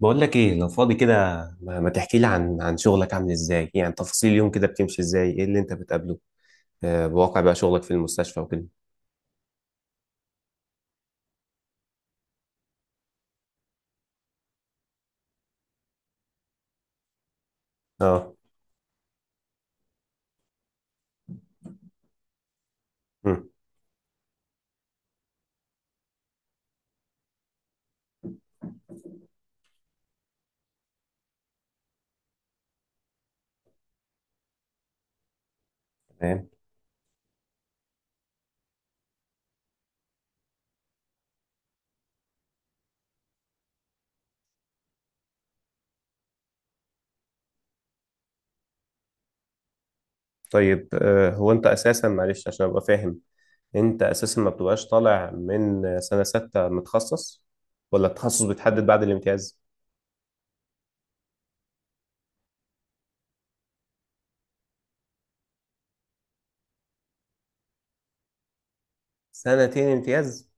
بقول لك ايه لو فاضي كده، ما تحكي لي عن شغلك عامل ازاي؟ يعني تفاصيل اليوم كده بتمشي ازاي؟ ايه اللي انت بتقابله؟ آه، بواقع بقى شغلك في المستشفى وكده. اه. مم. تمام. طيب، هو انت اساسا، معلش عشان ابقى فاهم، انت اساسا ما بتبقاش طالع من سنة ستة متخصص؟ ولا التخصص بيتحدد بعد الامتياز؟ سنتين امتياز؟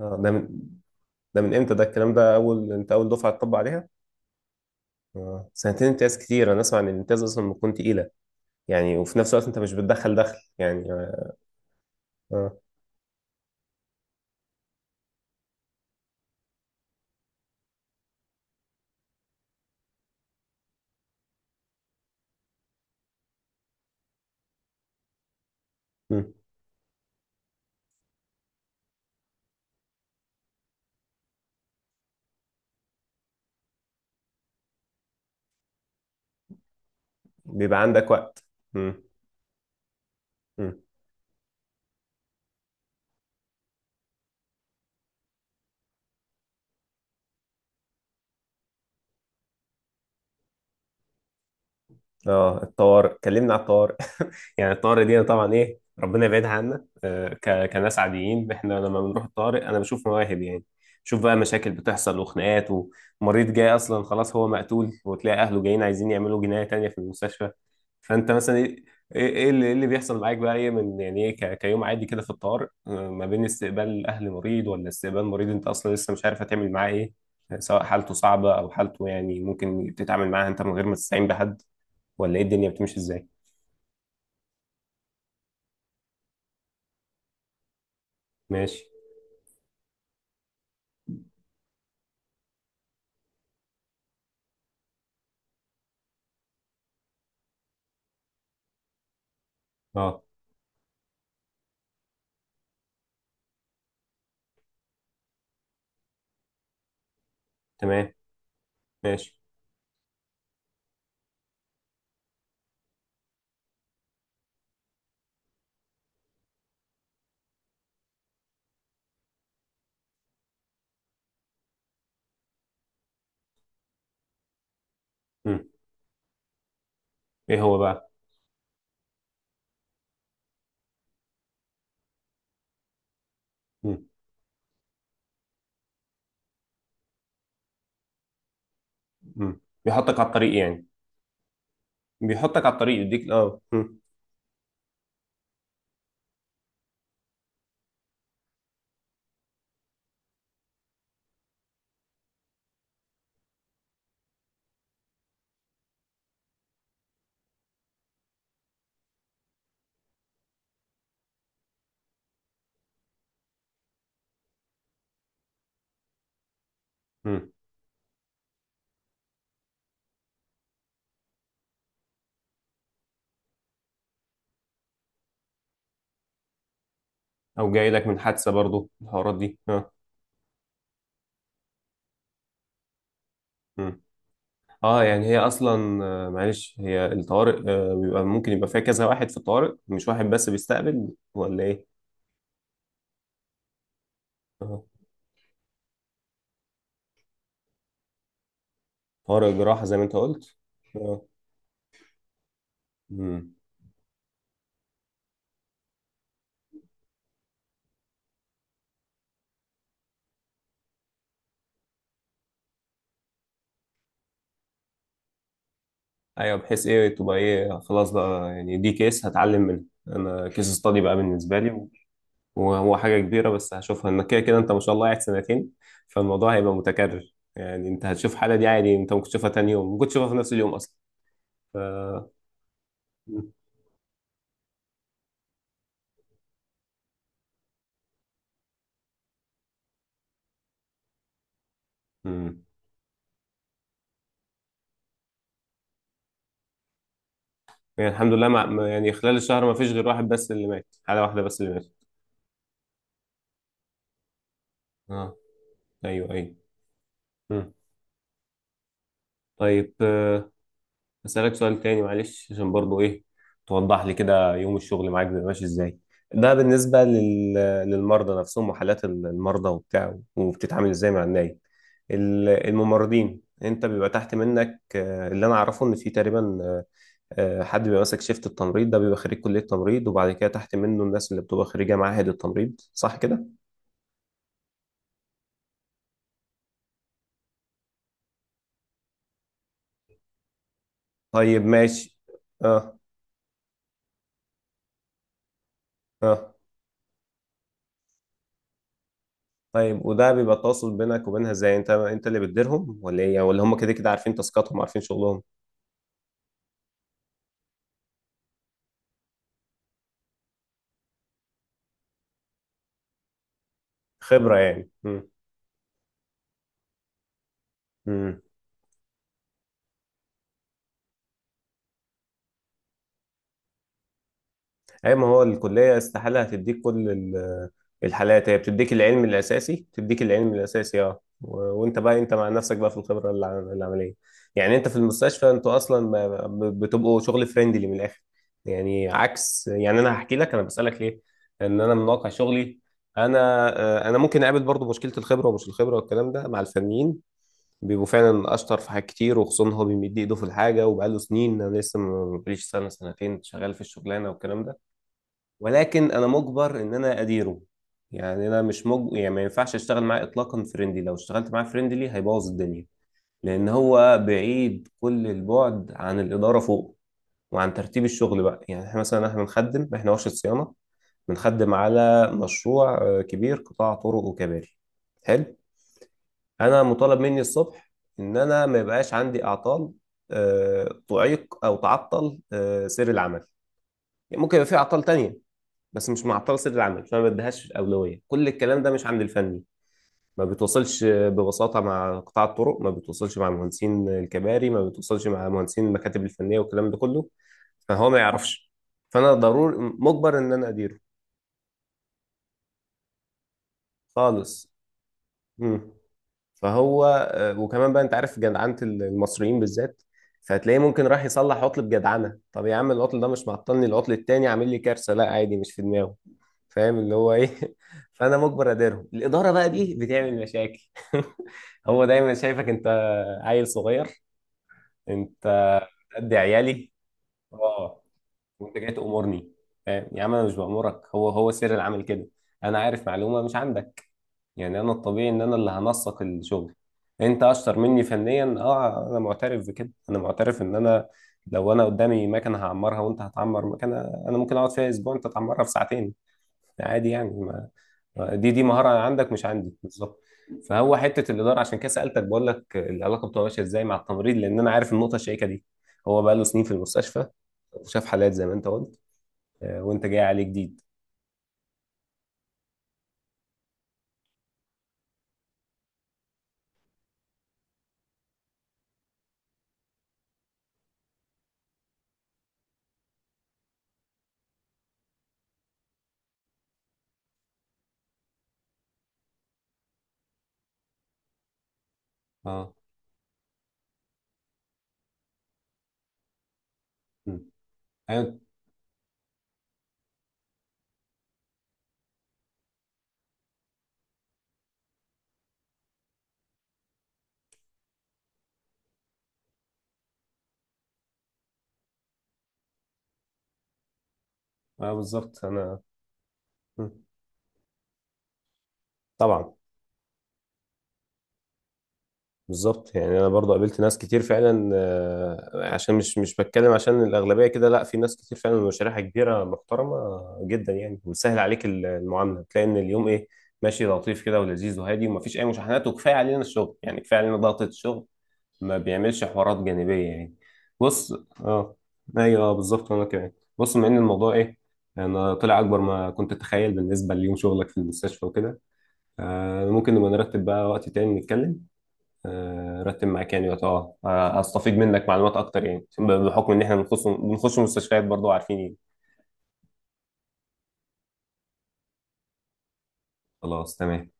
اه. ده من امتى ده الكلام ده؟ اول، انت اول دفعة تطبق عليها؟ اه. سنتين امتياز كتير، انا اسمع ان الامتياز اصلا بتكون تقيلة. يعني وفي نفس الوقت انت مش بتدخل دخل يعني. اه. آه، مم. بيبقى عندك وقت. مم. مم. اه، الطوارئ، كلمنا على الطوارئ. يعني الطوارئ دي طبعا ايه، ربنا يبعدها عنا. كناس عاديين احنا لما بنروح الطوارئ انا بشوف مواهب يعني. شوف بقى مشاكل بتحصل وخناقات، ومريض جاي اصلا خلاص هو مقتول وتلاقي اهله جايين عايزين يعملوا جناية تانية في المستشفى. فانت مثلا ايه، إيه اللي بيحصل معاك بقى؟ ايه من يعني، كيوم عادي كده في الطوارئ، آه، ما بين استقبال اهل مريض ولا استقبال مريض انت اصلا لسه مش عارف هتعمل معاه ايه، سواء حالته صعبة او حالته يعني ممكن تتعامل معاها انت من غير ما تستعين بحد، ولا ايه الدنيا بتمشي ازاي؟ ماشي. اه. تمام. ماشي. مم. ايه هو بقى؟ مم. مم. بيحطك على الطريق يعني. بيحطك على الطريق، يديك اه. مم. مم. او جاي لك من حادثة برضو الحوارات دي؟ اه. مم. اه. يعني هي اصلا آه، معلش، هي الطوارئ آه، بيبقى ممكن يبقى فيها كذا واحد في الطوارئ، مش واحد بس بيستقبل؟ ولا ايه؟ اه. طوارئ جراحة زي ما انت قلت. اه. مم. ايوه، بحيث ايه تبقى ايه، خلاص بقى يعني دي كيس هتعلم منها، انا كيس استادي بقى بالنسبه لي. وهو حاجة كبيرة بس هشوفها انك كده كده انت ما شاء الله قاعد سنتين، فالموضوع هيبقى متكرر. يعني انت هتشوف حالة دي عادي، انت ممكن تشوفها تاني يوم، ممكن تشوفها في نفس اليوم اصلا. ف... مم. مم. يعني الحمد لله، ما... ما- يعني خلال الشهر ما فيش غير واحد بس اللي مات، حالة واحدة بس اللي مات. اه. ايوه ايوه. مم. طيب آه، أسألك سؤال تاني معلش عشان برضو إيه توضح لي كده، يوم الشغل معاك بيبقى ماشي إزاي؟ ده بالنسبة لل... للمرضى نفسهم وحالات المرضى وبتاع، وبتتعامل إزاي مع النايب، ال- الممرضين، أنت بيبقى تحت منك آه، اللي أنا أعرفه إن في تقريبا آه، آه، حد بيبقى ماسك شيفت التمريض ده بيبقى خريج كلية تمريض، وبعد كده تحت منه الناس اللي بتبقى خريجة معاهد التمريض، صح كده؟ طيب ماشي. أه. أه. طيب، وده بيبقى التواصل بينك وبينها ازاي؟ انت اللي بتديرهم ولا ايه؟ ولا هم كده كده عارفين تاسكاتهم، عارفين شغلهم؟ خبرة يعني. امم. إمم. اي ما هو الكليه استحاله هتديك كل ال- الحالات، هي بتديك العلم الاساسي، بتديك العلم الاساسي اه، و- وانت بقى انت مع نفسك بقى في الخبره، الع- العمليه. يعني انت في المستشفى انتوا اصلا بتبقوا شغل فريندلي من الاخر. يعني عكس، يعني انا هحكي لك، انا بسالك ليه، ان انا من واقع شغلي، انا آه، انا ممكن اقابل برضو مشكله الخبره، ومش الخبره والكلام ده، مع الفنيين بيبقوا فعلا اشطر في حاجات كتير، وخصوصا هو بيمد ايده في الحاجه وبقاله سنين، انا لسه مبقاليش سنه سنتين شغال في الشغلانه والكلام ده. ولكن انا مجبر ان انا اديره. يعني انا مش مج... يعني ما ينفعش اشتغل معاه اطلاقا فريندلي، لو اشتغلت معاه فريندلي هيبوظ الدنيا. لان هو بعيد كل البعد عن الاداره فوق، وعن ترتيب الشغل بقى. يعني احنا مثلا، بنخدم احنا ورشه صيانه، بنخدم على مشروع آه، كبير، قطاع طرق وكباري. حلو. انا مطالب مني الصبح ان انا ما يبقاش عندي اعطال آه، تعيق او تعطل آه، سير العمل. يعني ممكن يبقى في اعطال تانية بس مش معطله سر العمل، فما بديهاش اولويه. كل الكلام ده مش عند الفني، ما بتوصلش ببساطه مع قطاع الطرق، ما بتوصلش مع مهندسين الكباري، ما بتوصلش مع مهندسين المكاتب الفنيه والكلام ده كله. فهو ما يعرفش. فانا ضروري مجبر ان انا اديره، خالص. مم. فهو آه، وكمان بقى انت عارف جدعنه المصريين بالذات، فهتلاقيه ممكن راح يصلح عطل بجدعنه. طب يا عم العطل ده مش معطلني، العطل التاني عامل لي كارثه. لا عادي، مش في دماغه. فاهم اللي هو ايه؟ فانا مجبر اديرهم، الاداره بقى دي بتعمل مشاكل. هو دايما شايفك انت عيل صغير، انت قد عيالي. اه. وانت جاي تامرني. فاهم يا عم انا مش بامرك، هو سر العمل كده. انا عارف معلومه مش عندك. يعني انا الطبيعي ان انا اللي هنسق الشغل. انت اشطر مني فنيا اه، انا معترف بكده، انا معترف ان انا لو انا قدامي مكنه هعمرها وانت هتعمر مكنه، انا ممكن اقعد فيها اسبوع، انت تعمرها في ساعتين، عادي يعني. دي مهارة عندك مش عندي، بالظبط. فهو حتة الإدارة عشان كده سألتك، بقول لك العلاقة بتبقى ماشية إزاي مع التمريض، لأن أنا عارف النقطة الشائكة دي. هو بقى له سنين في المستشفى، وشاف حالات زي ما أنت قلت، آه، وأنت جاي عليه جديد. أه. مم. أيوه. أه، بالظبط أنا. مم. طبعا. بالظبط. يعني انا برضو قابلت ناس كتير فعلا آه، عشان مش بتكلم عشان الاغلبيه كده، لا، في ناس كتير فعلا مشاريعها كبيره، محترمه جدا يعني، وبتسهل عليك ال- المعامله، تلاقي ان اليوم ايه ماشي لطيف كده ولذيذ وهادي، ومفيش اي مشاحنات، وكفايه علينا الشغل يعني، كفايه علينا ضغطه الشغل، ما بيعملش حوارات جانبيه يعني. بص. اه. ايوه، آه، بالظبط، وانا كمان. بص، بما ان الموضوع ايه، انا طلع اكبر ما كنت اتخيل بالنسبه ليوم شغلك في المستشفى وكده، آه، ممكن نبقى نرتب بقى وقت تاني نتكلم آه، رتب مكاني وقت- اه آه، استفيد منك معلومات اكتر يعني، بحكم ان احنا بنخش مستشفيات برضو، عارفين يعني. خلاص تمام.